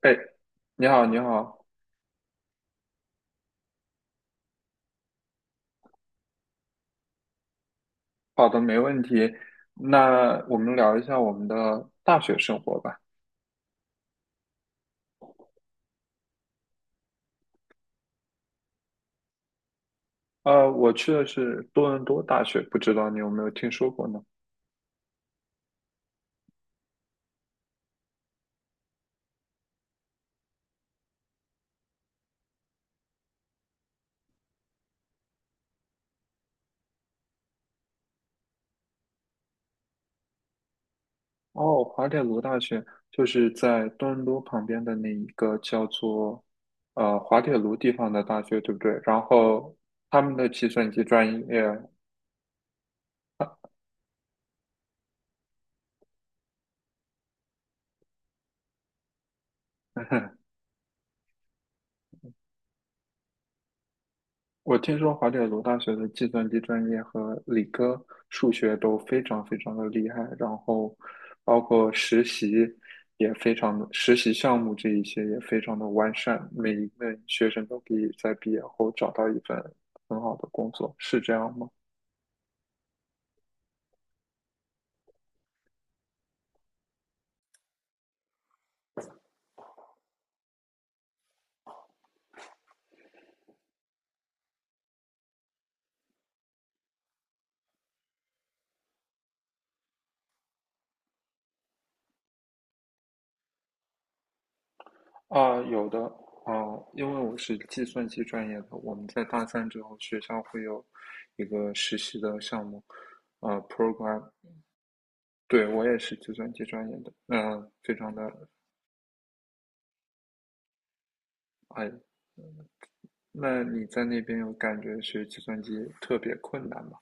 哎，你好，你好。好的，没问题。那我们聊一下我们的大学生活吧。我去的是多伦多大学，不知道你有没有听说过呢？哦，滑铁卢大学就是在多伦多旁边的那一个叫做滑铁卢地方的大学，对不对？然后他们的计算机专业。我听说华铁卢大学的计算机专业和理科数学都非常非常的厉害，然后包括实习也非常的，实习项目这一些也非常的完善，每一位学生都可以在毕业后找到一份很好的工作，是这样吗？啊，有的。啊，因为我是计算机专业的，我们在大三之后学校会有一个实习的项目，program。对，我也是计算机专业的，嗯、非常的。哎，那你在那边有感觉学计算机特别困难吗？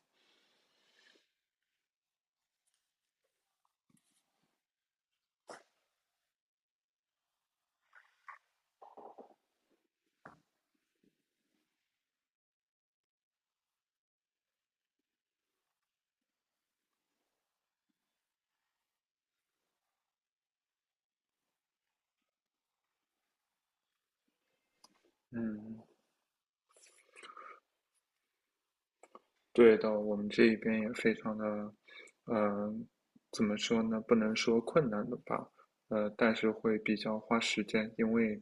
嗯，对的，我们这边也非常的，呃，怎么说呢？不能说困难的吧，但是会比较花时间。因为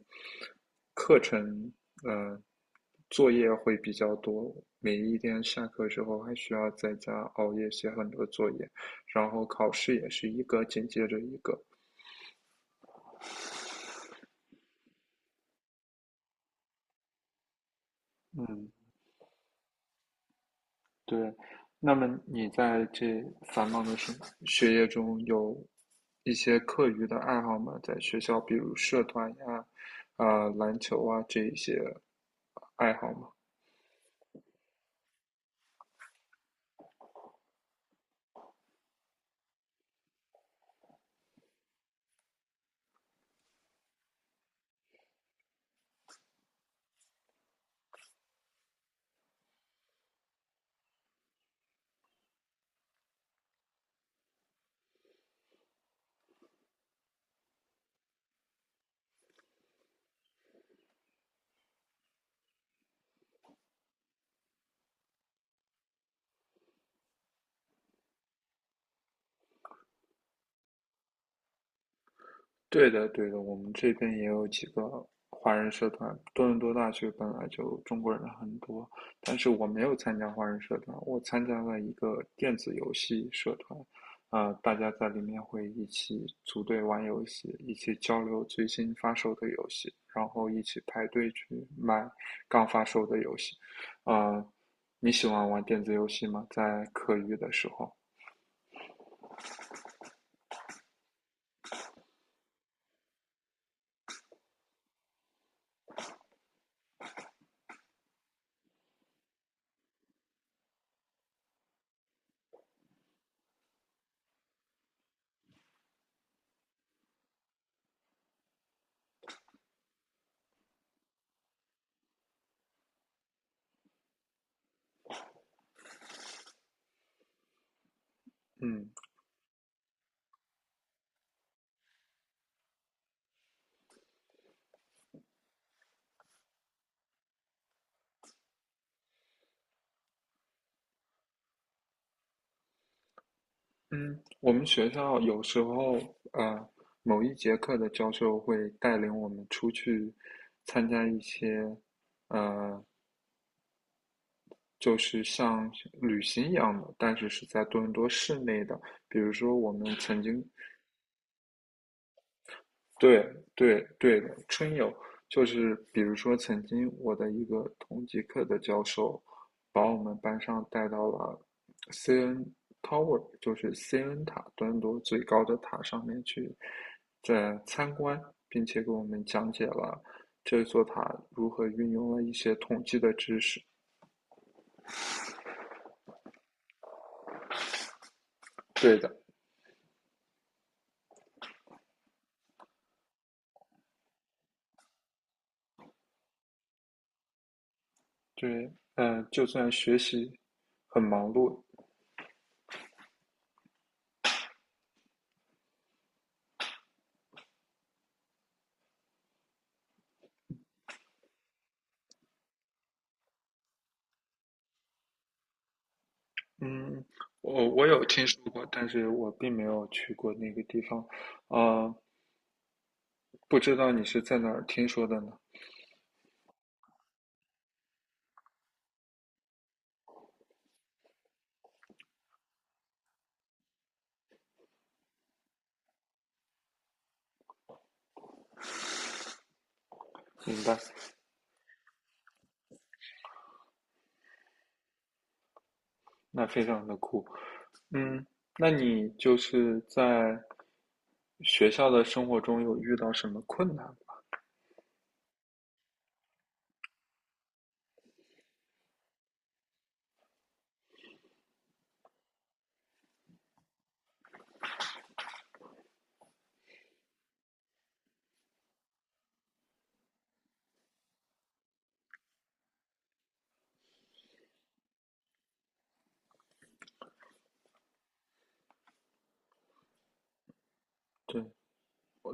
课程，呃，作业会比较多，每一天下课之后还需要在家熬夜写很多作业，然后考试也是一个紧接着一个。嗯。对，那么你在这繁忙的学业中有一些课余的爱好吗？在学校，比如社团呀、啊、篮球啊这一些爱好吗？对的，对的，我们这边也有几个华人社团。多伦多大学本来就中国人很多，但是我没有参加华人社团，我参加了一个电子游戏社团，啊、大家在里面会一起组队玩游戏，一起交流最新发售的游戏，然后一起排队去买刚发售的游戏。啊、你喜欢玩电子游戏吗？在课余的时候。嗯。嗯，我们学校有时候，呃，某一节课的教授会带领我们出去参加一些，呃，就是像旅行一样的，但是是在多伦多市内的。比如说，我们曾经，对对对的，春游。就是比如说，曾经我的一个同级课的教授，把我们班上带到了 CN Tower，就是 CN 塔端多最高的塔上面去，在参观，并且给我们讲解了这座塔如何运用了一些统计的知识。对的。对，就算学习很忙碌。嗯，我有听说过，但是我并没有去过那个地方，啊、不知道你是在哪儿听说的呢？明白。那非常的酷。嗯，那你就是在学校的生活中有遇到什么困难吗？对，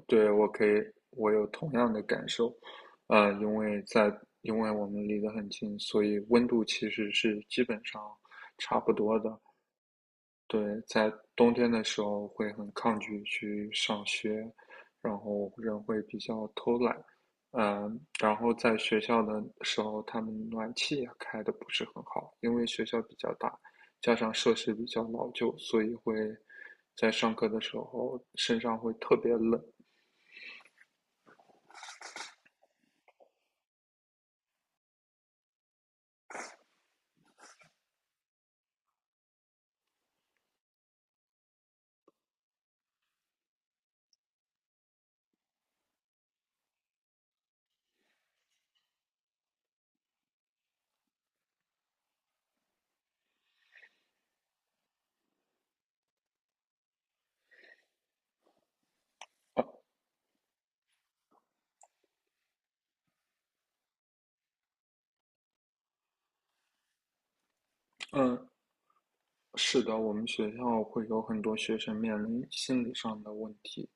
对，我可以，我有同样的感受，呃，因为在，因为我们离得很近，所以温度其实是基本上差不多的。对，在冬天的时候会很抗拒去上学，然后人会比较偷懒。然后在学校的时候，他们暖气也开的不是很好，因为学校比较大，加上设施比较老旧，所以会在上课的时候身上会特别冷。呃嗯，是的，我们学校会有很多学生面临心理上的问题，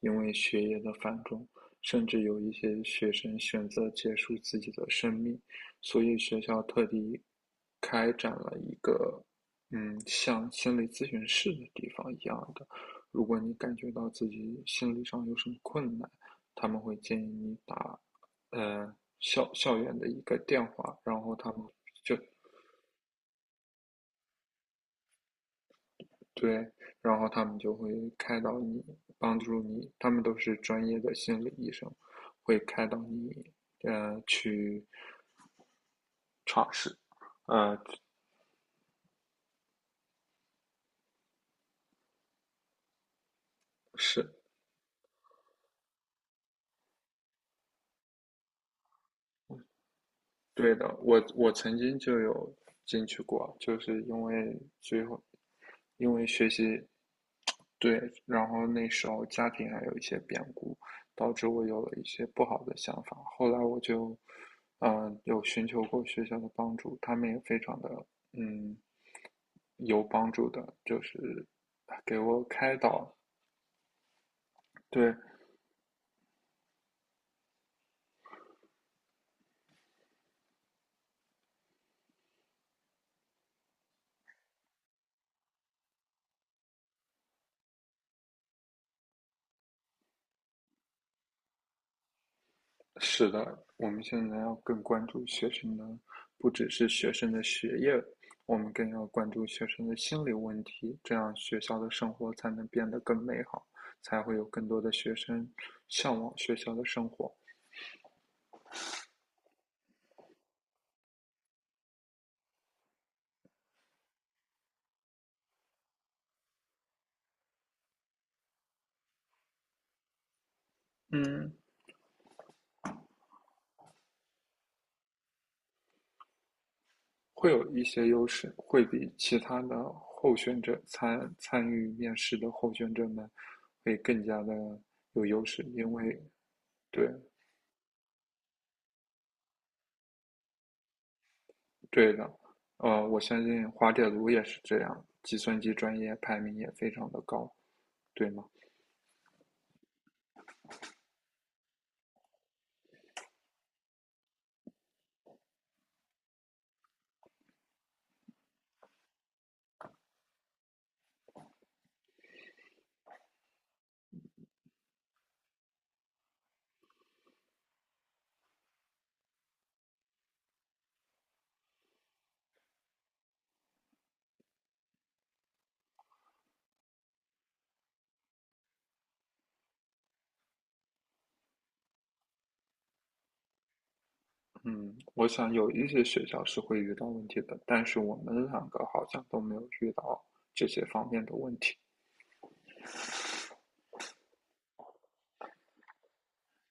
因为学业的繁重，甚至有一些学生选择结束自己的生命，所以学校特地开展了一个，嗯，像心理咨询室的地方一样的。如果你感觉到自己心理上有什么困难，他们会建议你打，校园的一个电话，然后他们就。对，然后他们就会开导你，帮助你，他们都是专业的心理医生，会开导你，去尝试，呃，是对的。我曾经就有进去过，就是因为最后，因为学习，对，然后那时候家庭还有一些变故，导致我有了一些不好的想法。后来我就，有寻求过学校的帮助，他们也非常的，嗯。有帮助的，就是给我开导。对，是的，我们现在要更关注学生的，不只是学生的学业，我们更要关注学生的心理问题，这样学校的生活才能变得更美好，才会有更多的学生向往学校的生活。嗯，会有一些优势，会比其他的候选者参与面试的候选者们会更加的有优势，因为对对的，我相信滑铁卢也是这样，计算机专业排名也非常的高，对吗？嗯，我想有一些学校是会遇到问题的，但是我们两个好像都没有遇到这些方面的问题。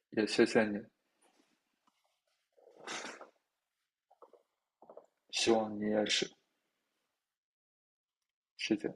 也谢谢你，希望你也是，谢谢。